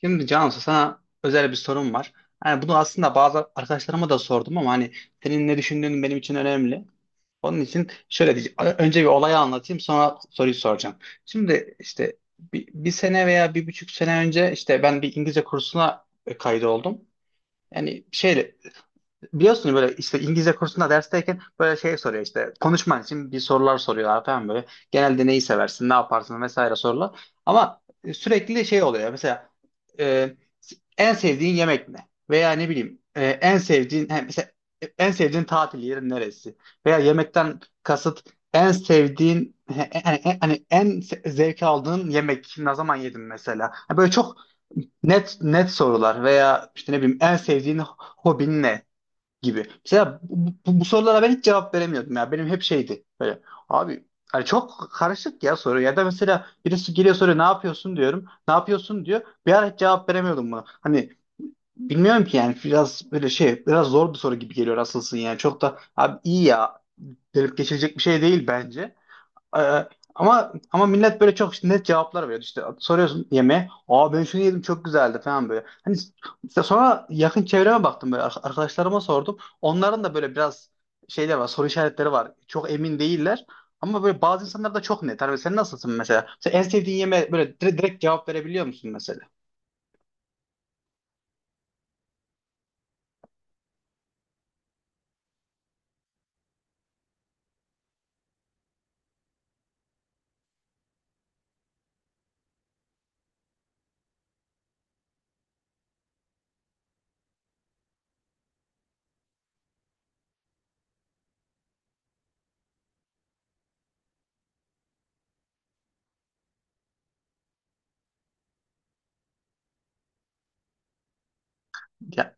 Şimdi Cansu sana özel bir sorum var. Yani bunu aslında bazı arkadaşlarıma da sordum ama hani senin ne düşündüğün benim için önemli. Onun için şöyle diyeceğim. Önce bir olayı anlatayım sonra soruyu soracağım. Şimdi işte bir sene veya bir buçuk sene önce işte ben bir İngilizce kursuna kaydoldum. Yani şeyle. Biliyorsun böyle işte İngilizce kursunda dersteyken böyle şey soruyor, işte konuşman için bir sorular soruyorlar falan böyle. Genelde neyi seversin, ne yaparsın vesaire sorular. Ama sürekli şey oluyor mesela e, en sevdiğin yemek ne? Veya ne bileyim en sevdiğin he, mesela en sevdiğin tatil yeri neresi? Veya yemekten kasıt en sevdiğin he, he, hani he, hani zevk aldığın yemek ne zaman yedin mesela? Ha, böyle çok net net sorular veya işte ne bileyim en sevdiğin hobin ne gibi. Mesela bu sorulara ben hiç cevap veremiyordum ya. Benim hep şeydi böyle, abi hani çok karışık ya soru, ya da mesela birisi geliyor soruyor, ne yapıyorsun diyorum. Ne yapıyorsun diyor. Bir ara hiç cevap veremiyordum buna. Hani bilmiyorum ki yani, biraz böyle şey, biraz zor bir soru gibi geliyor asılsın yani. Çok da abi iyi ya, delip geçilecek bir şey değil bence. Ee, ama millet böyle çok işte net cevaplar veriyor. İşte soruyorsun yemeğe. Aa, ben şunu yedim çok güzeldi falan böyle. Hani işte sonra yakın çevreme baktım, böyle arkadaşlarıma sordum. Onların da böyle biraz şeyler var, soru işaretleri var. Çok emin değiller. Ama böyle bazı insanlar da çok net. Hani sen nasılsın mesela? Sen en sevdiğin yemeğe böyle direkt cevap verebiliyor musun mesela? Ya,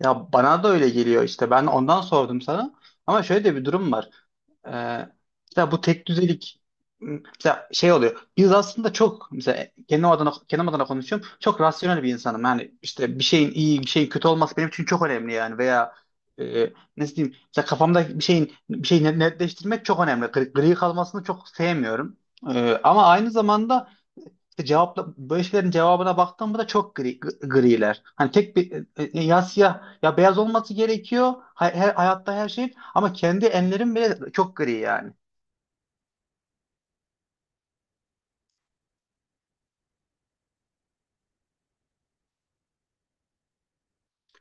ya bana da öyle geliyor işte. Ben ondan sordum sana. Ama şöyle de bir durum var. Ee, mesela bu tek düzelik, mesela şey oluyor. Biz aslında çok, mesela kendim adına konuşuyorum. Çok rasyonel bir insanım. Yani işte bir şeyin iyi, bir şeyin kötü olması benim için çok önemli yani, veya nasıl diyeyim? Mesela kafamda bir şeyi netleştirmek çok önemli. Gri, gri kalmasını çok sevmiyorum. Ama aynı zamanda cevapla, böyle şeylerin cevabına baktığımda da çok gri, griler. Hani tek bir, ya siyah ya beyaz olması gerekiyor. Hayatta her şeyin, ama kendi enlerim bile çok gri yani.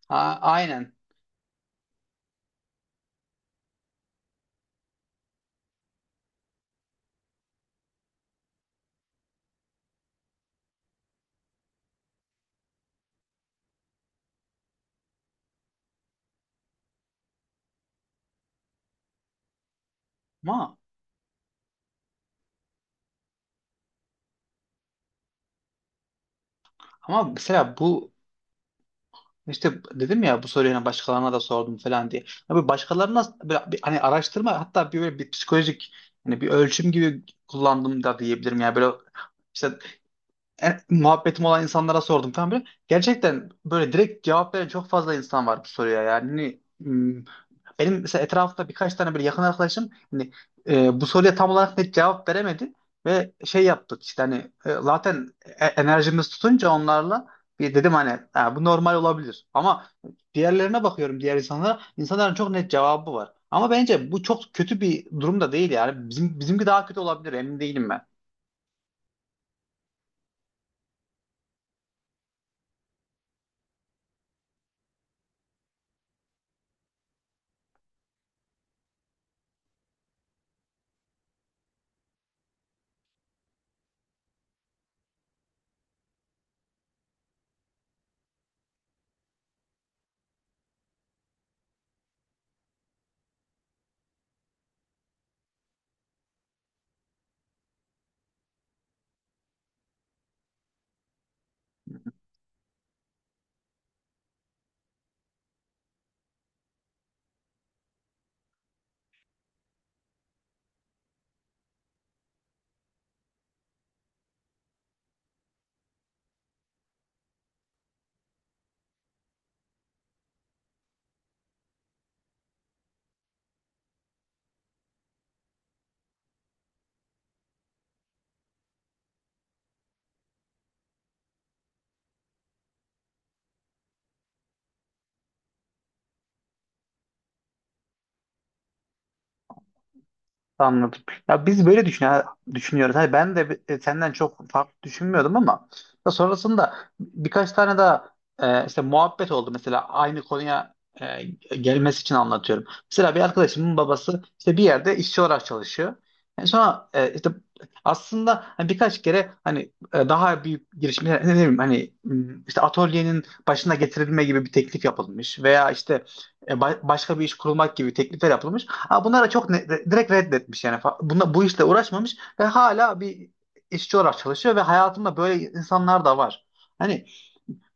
Aynen. Ama ama mesela bu, işte dedim ya, bu soruyu hani başkalarına da sordum falan diye. Abi başkalarına böyle hani araştırma, hatta bir böyle bir psikolojik hani bir ölçüm gibi kullandım da diyebilirim. Yani böyle işte muhabbetim olan insanlara sordum falan böyle. Gerçekten böyle direkt cevap veren çok fazla insan var bu soruya yani. Hani, benim mesela etrafta birkaç tane böyle yakın arkadaşım hani, bu soruya tam olarak net cevap veremedi ve şey yaptık işte, hani zaten enerjimiz tutunca onlarla bir dedim, hani "Ha, bu normal olabilir ama diğerlerine bakıyorum, diğer insanlara, insanların çok net cevabı var, ama bence bu çok kötü bir durum da değil yani, bizimki daha kötü olabilir, emin değilim ben." Anladım. Ya biz böyle düşünüyoruz. Hani ben de, senden çok farklı düşünmüyordum ama ya sonrasında birkaç tane daha işte muhabbet oldu, mesela aynı konuya gelmesi için anlatıyorum. Mesela bir arkadaşımın babası işte bir yerde işçi olarak çalışıyor. Yani sonra işte aslında hani birkaç kere hani daha büyük girişimler, ne bileyim hani işte atölyenin başına getirilme gibi bir teklif yapılmış, veya işte başka bir iş kurulmak gibi teklifler yapılmış. Ha, bunlara çok direkt reddetmiş yani. Bu işle uğraşmamış ve hala bir işçi olarak çalışıyor, ve hayatımda böyle insanlar da var. Hani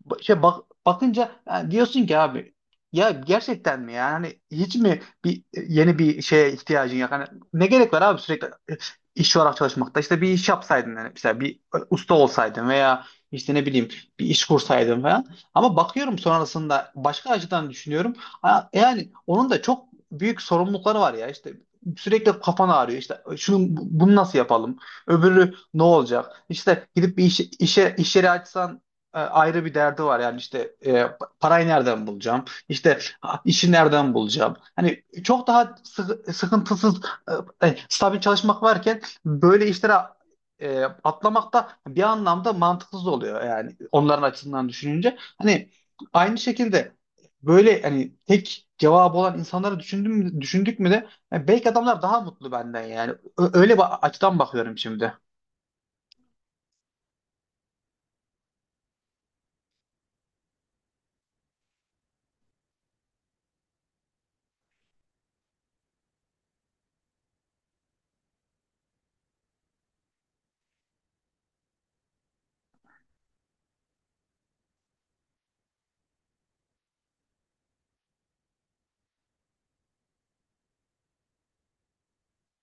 Şey, bakınca yani diyorsun ki, abi ya gerçekten mi yani, hani hiç mi bir yeni bir şeye ihtiyacın yok, hani ne gerek var abi sürekli iş olarak çalışmakta, işte bir iş yapsaydın yani, mesela bir usta olsaydın, veya işte ne bileyim bir iş kursaydın falan. Ama bakıyorum sonrasında başka açıdan düşünüyorum. Ha, yani onun da çok büyük sorumlulukları var ya, işte sürekli kafan ağrıyor, işte şunu bunu nasıl yapalım, öbürü ne olacak, işte gidip bir iş, işe iş yeri açsan, ayrı bir derdi var. Yani işte parayı nereden bulacağım? İşte, ha, işi nereden bulacağım? Hani çok daha sıkıntısız, stabil çalışmak varken böyle işlere atlamak da bir anlamda mantıksız oluyor yani onların açısından düşününce. Hani aynı şekilde, böyle hani tek cevabı olan insanları düşündük mü de yani, belki adamlar daha mutlu benden yani. Öyle bir açıdan bakıyorum şimdi.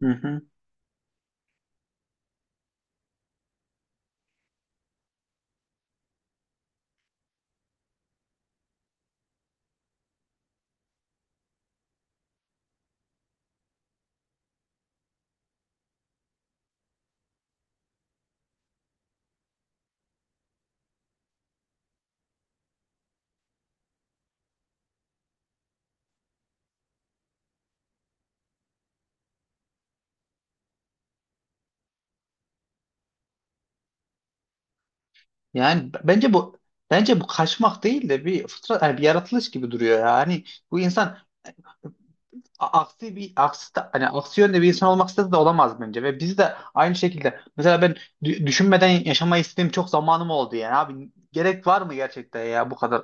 Hı hı. Yani bence bu kaçmak değil de bir fıtrat, yani bir yaratılış gibi duruyor ya. Hani bu insan, a- aksi bir aksi ta- hani aksi yönde bir insan olmak istese de olamaz bence, ve biz de aynı şekilde, mesela ben düşünmeden yaşamayı istediğim çok zamanım oldu yani, abi gerek var mı gerçekten ya bu kadar e,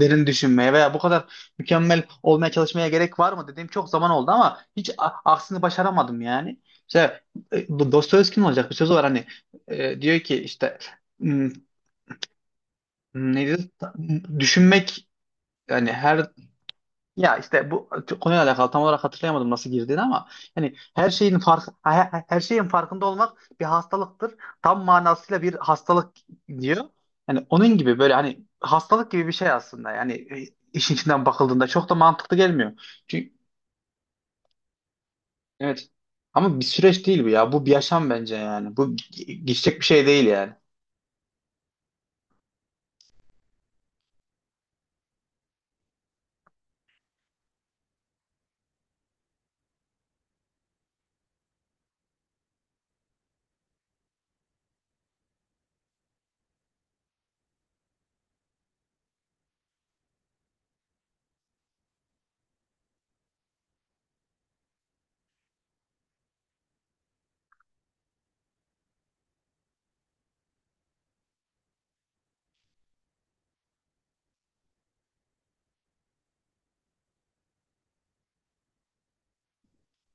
derin düşünmeye, veya bu kadar mükemmel olmaya çalışmaya gerek var mı dediğim çok zaman oldu ama hiç aksini başaramadım yani. İşte bu Dostoyevski'nin olacak bir sözü var hani, diyor ki işte, "Hmm, Neydi? Düşünmek, yani her, ya işte bu konuyla alakalı tam olarak hatırlayamadım nasıl girdiğini ama, yani her şeyin her şeyin farkında olmak bir hastalıktır. Tam manasıyla bir hastalık" diyor. Yani onun gibi, böyle hani hastalık gibi bir şey aslında. Yani işin içinden bakıldığında çok da mantıklı gelmiyor. Çünkü evet, ama bir süreç değil bu ya. Bu bir yaşam bence yani. Bu geçecek bir şey değil yani.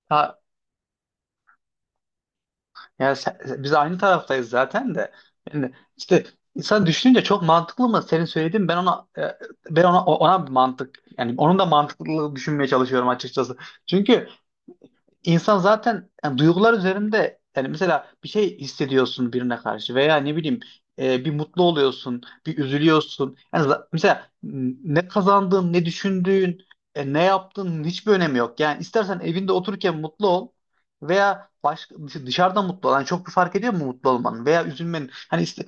Ha, yani biz aynı taraftayız zaten de. Yani işte insan düşününce çok mantıklı mı senin söylediğin, ben ona bir mantık, yani onun da mantıklılığı düşünmeye çalışıyorum açıkçası. Çünkü İnsan zaten, yani duygular üzerinde, yani mesela bir şey hissediyorsun birine karşı, veya ne bileyim bir mutlu oluyorsun, bir üzülüyorsun. Yani mesela, ne kazandığın, ne düşündüğün, ne yaptığın hiçbir önemi yok. Yani istersen evinde otururken mutlu ol, veya başka, dışarıda mutlu ol. Yani çok bir fark ediyor mu mutlu olmanın veya üzülmenin? Hani işte,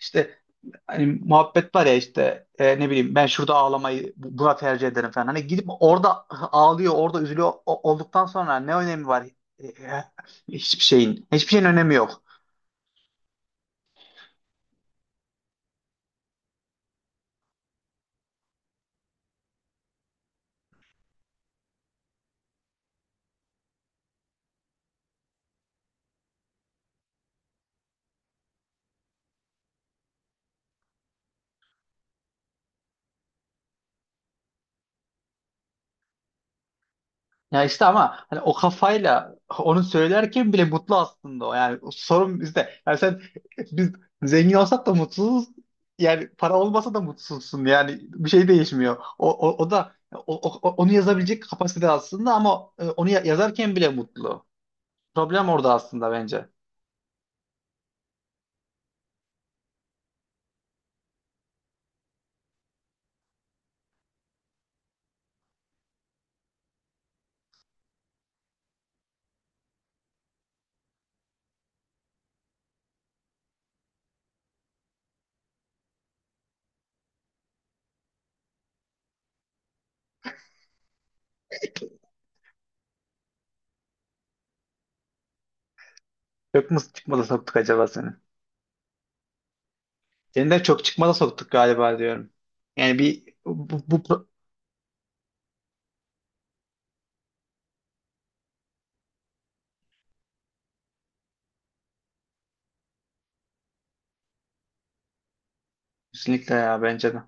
işte hani muhabbet var ya, işte ne bileyim, ben şurada ağlamayı buna tercih ederim falan. Hani gidip orada ağlıyor, orada üzülüyor olduktan sonra ne önemi var? E, e, Hiçbir şeyin. Hiçbir şeyin önemi yok. Ya işte, ama hani o kafayla onu söylerken bile mutlu aslında o. Yani sorun bizde. Yani biz zengin olsak da mutsuzuz. Yani para olmasa da mutsuzsun. Yani bir şey değişmiyor. O da onu yazabilecek kapasite aslında, ama onu yazarken bile mutlu. Problem orada aslında bence. Çok mu çıkmaza soktuk acaba seni? Seni de çok çıkmaza soktuk galiba diyorum. Yani bir bu kesinlikle, ya bence de.